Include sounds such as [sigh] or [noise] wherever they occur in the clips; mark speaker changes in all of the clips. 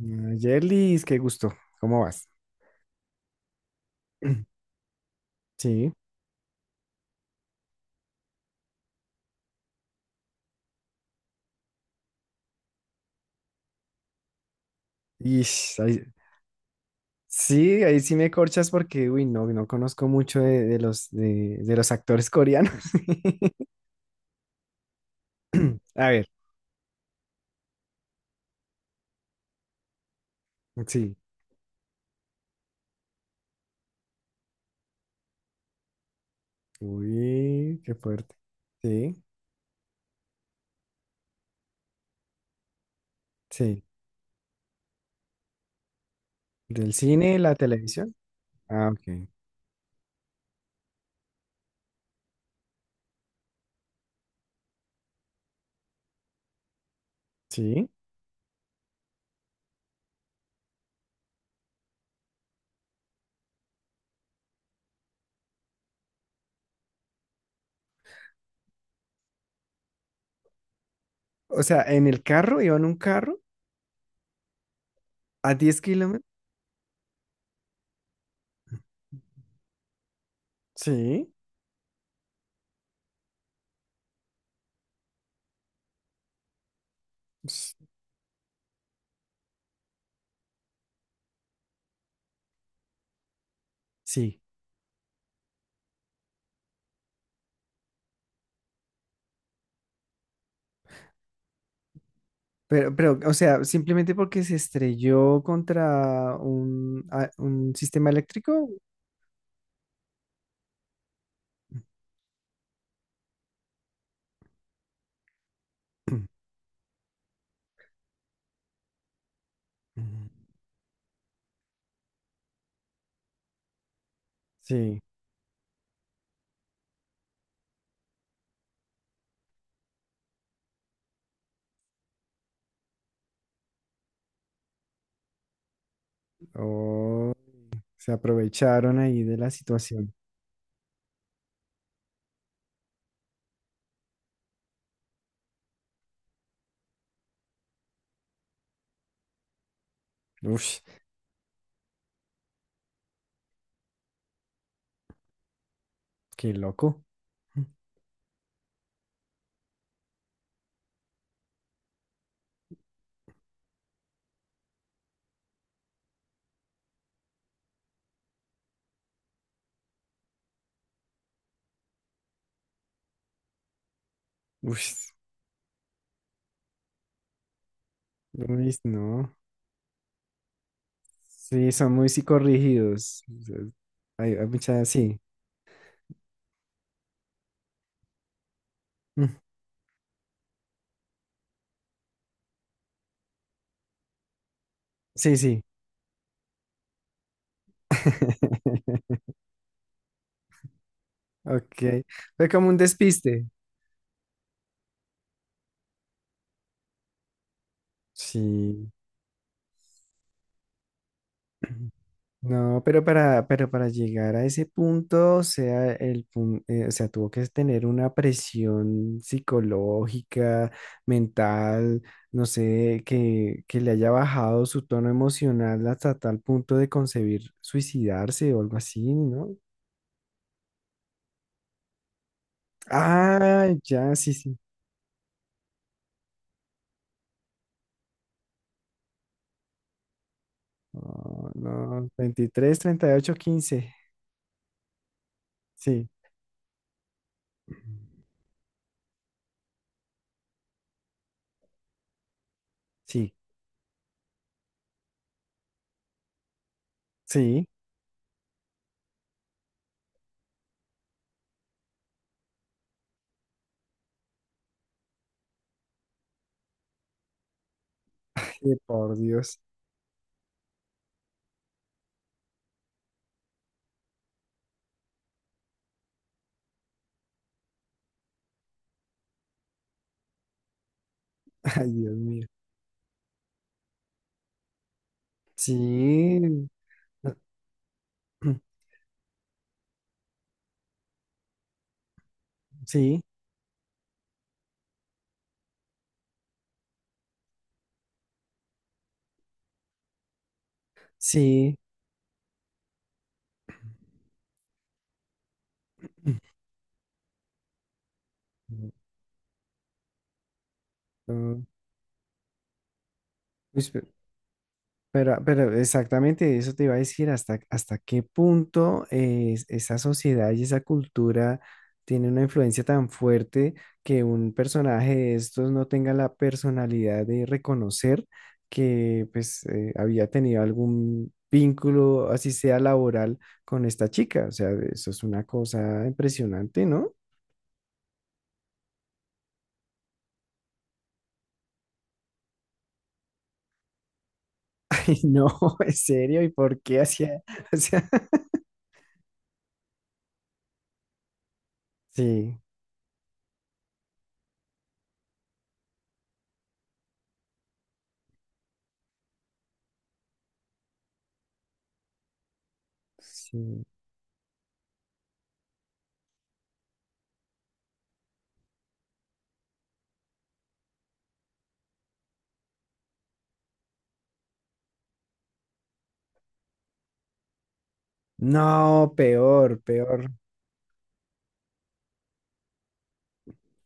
Speaker 1: Ah, Yerlis, qué gusto. ¿Cómo vas? [clears throat] Sí. Y sí, ahí sí me corchas porque, uy, no, no conozco mucho de los actores coreanos. [clears throat] A ver, sí. Uy, qué fuerte. Sí, sí. ¿Del cine, la televisión? Ah, ok. Sí. O sea, en el carro, iba en un carro a 10 kilómetros. Sí. s- Sí. Pero, o sea, simplemente porque se estrelló contra un sistema eléctrico. [clears throat] Sí, oh, se aprovecharon ahí de la situación. Uf, qué loco. Uf, uy, no. Sí, son muy psicorrígidos. O sea, hay mucha, sí. Mm, Sí, sí. [laughs] Ok. Fue como un despiste. Sí. No, pero para llegar a ese punto, o sea, tuvo que tener una presión psicológica, mental, no sé, que le haya bajado su tono emocional hasta tal punto de concebir suicidarse o algo así, ¿no? Ah, ya, sí, sí. Oh, no, 23, 38, 15. Sí, sí, sí. Ay, por Dios. [laughs] Ay, Dios mío. Sí. [clears throat] Sí. Sí, mm, pues, pe- pero exactamente eso te iba a decir, hasta, hasta qué punto esa sociedad y esa cultura tiene una influencia tan fuerte que un personaje de estos no tenga la personalidad de reconocer que pues había tenido algún vínculo, así sea laboral, con esta chica. O sea, eso es una cosa impresionante, ¿no? [laughs] Y no, en serio, ¿y por qué hacía? [laughs] O sea, sí, sí. No, peor, peor.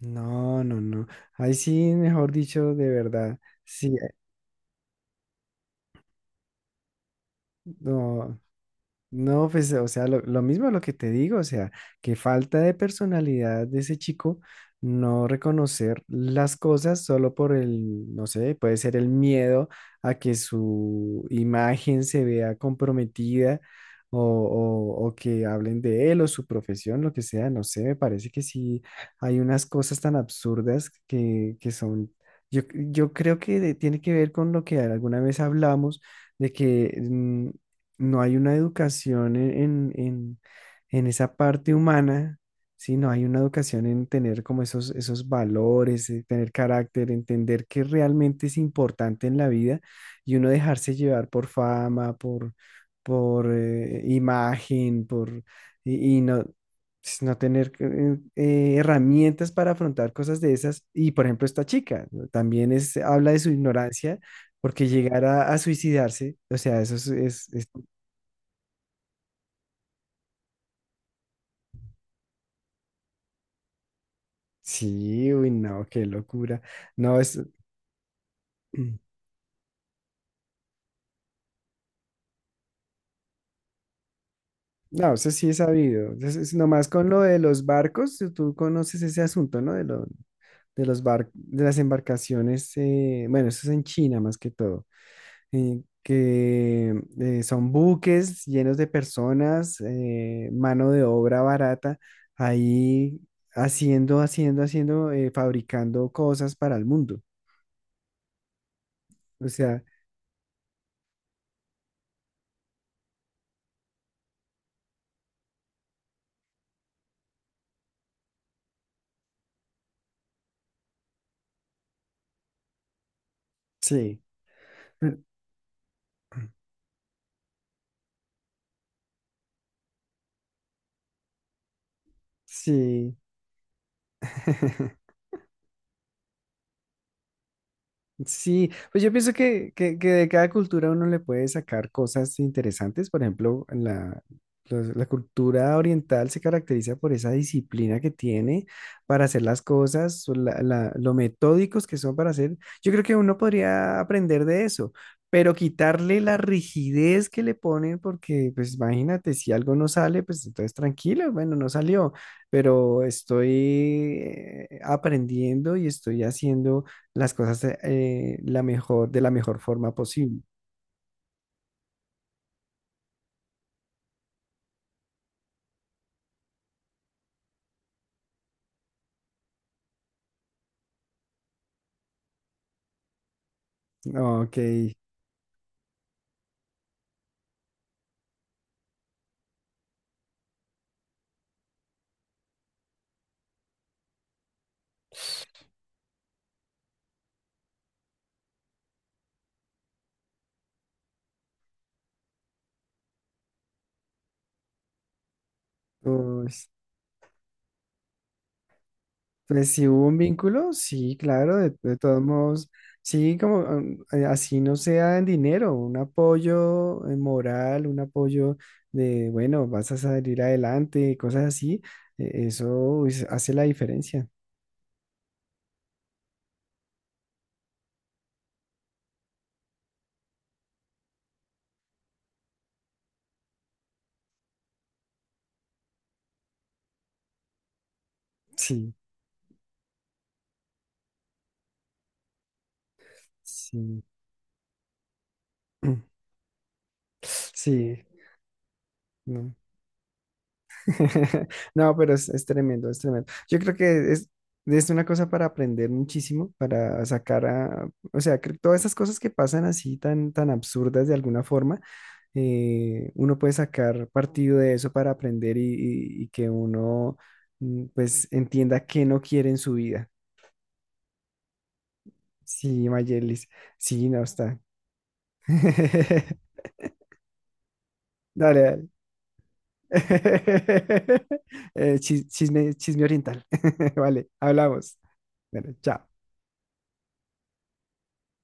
Speaker 1: No, no, no. Ahí sí, mejor dicho, de verdad. Sí, no. No, pues, o sea, lo mismo lo que te digo, o sea, que falta de personalidad de ese chico, no reconocer las cosas solo por el, no sé, puede ser el miedo a que su imagen se vea comprometida o que hablen de él o su profesión, lo que sea, no sé, me parece que sí hay unas cosas tan absurdas que son, yo creo que tiene que ver con lo que alguna vez hablamos de que no hay una educación en, en- en esa parte humana, ¿sí? No hay una educación en tener como esos, esos valores, tener carácter, entender qué realmente es importante en la vida y uno dejarse llevar por fama, por imagen, por, y no, pues, no tener herramientas para afrontar cosas de esas. Y por ejemplo, esta chica ¿no? también es, habla de su ignorancia. Porque llegar a suicidarse, o sea, es… Sí, uy, no, qué locura. No, es, mm, no, eso sí es sabido. Es nomás con lo de los barcos, tú conoces ese asunto, ¿no? De los barcos, de las embarcaciones, bueno, eso es en China más que todo, que son buques llenos de personas, mano de obra barata, ahí haciendo, fabricando cosas para el mundo. O sea, sí, sí. [laughs] Sí, pues yo pienso que, que de cada cultura uno le puede sacar cosas interesantes. Por ejemplo, la cultura oriental se caracteriza por esa disciplina que tiene para hacer las cosas, o lo metódicos que son para hacer. Yo creo que uno podría aprender de eso, pero quitarle la rigidez que le ponen, porque pues imagínate, si algo no sale, pues entonces tranquilo, bueno, no salió, pero estoy aprendiendo y estoy haciendo las cosas de la mejor forma posible. Ok. Pues, pues si hubo un vínculo, sí, claro, de todos modos, sí, como así no sea en dinero, un apoyo moral, un apoyo de, bueno, vas a salir adelante, cosas así, eso pues, hace la diferencia. Sí, sí, [clears throat] sí, no. [laughs] No, pero es tremendo, es tremendo. Yo creo que es una cosa para aprender muchísimo, para sacar a, o sea, que todas esas cosas que pasan así tan, tan absurdas de alguna forma, uno puede sacar partido de eso para aprender y, y que uno pues entienda qué no quiere en su vida. Sí, Mayelis, sí, no está. [laughs] Dale, dale. [laughs] Chisme, chisme oriental. [laughs] Vale, hablamos. Bueno, chao.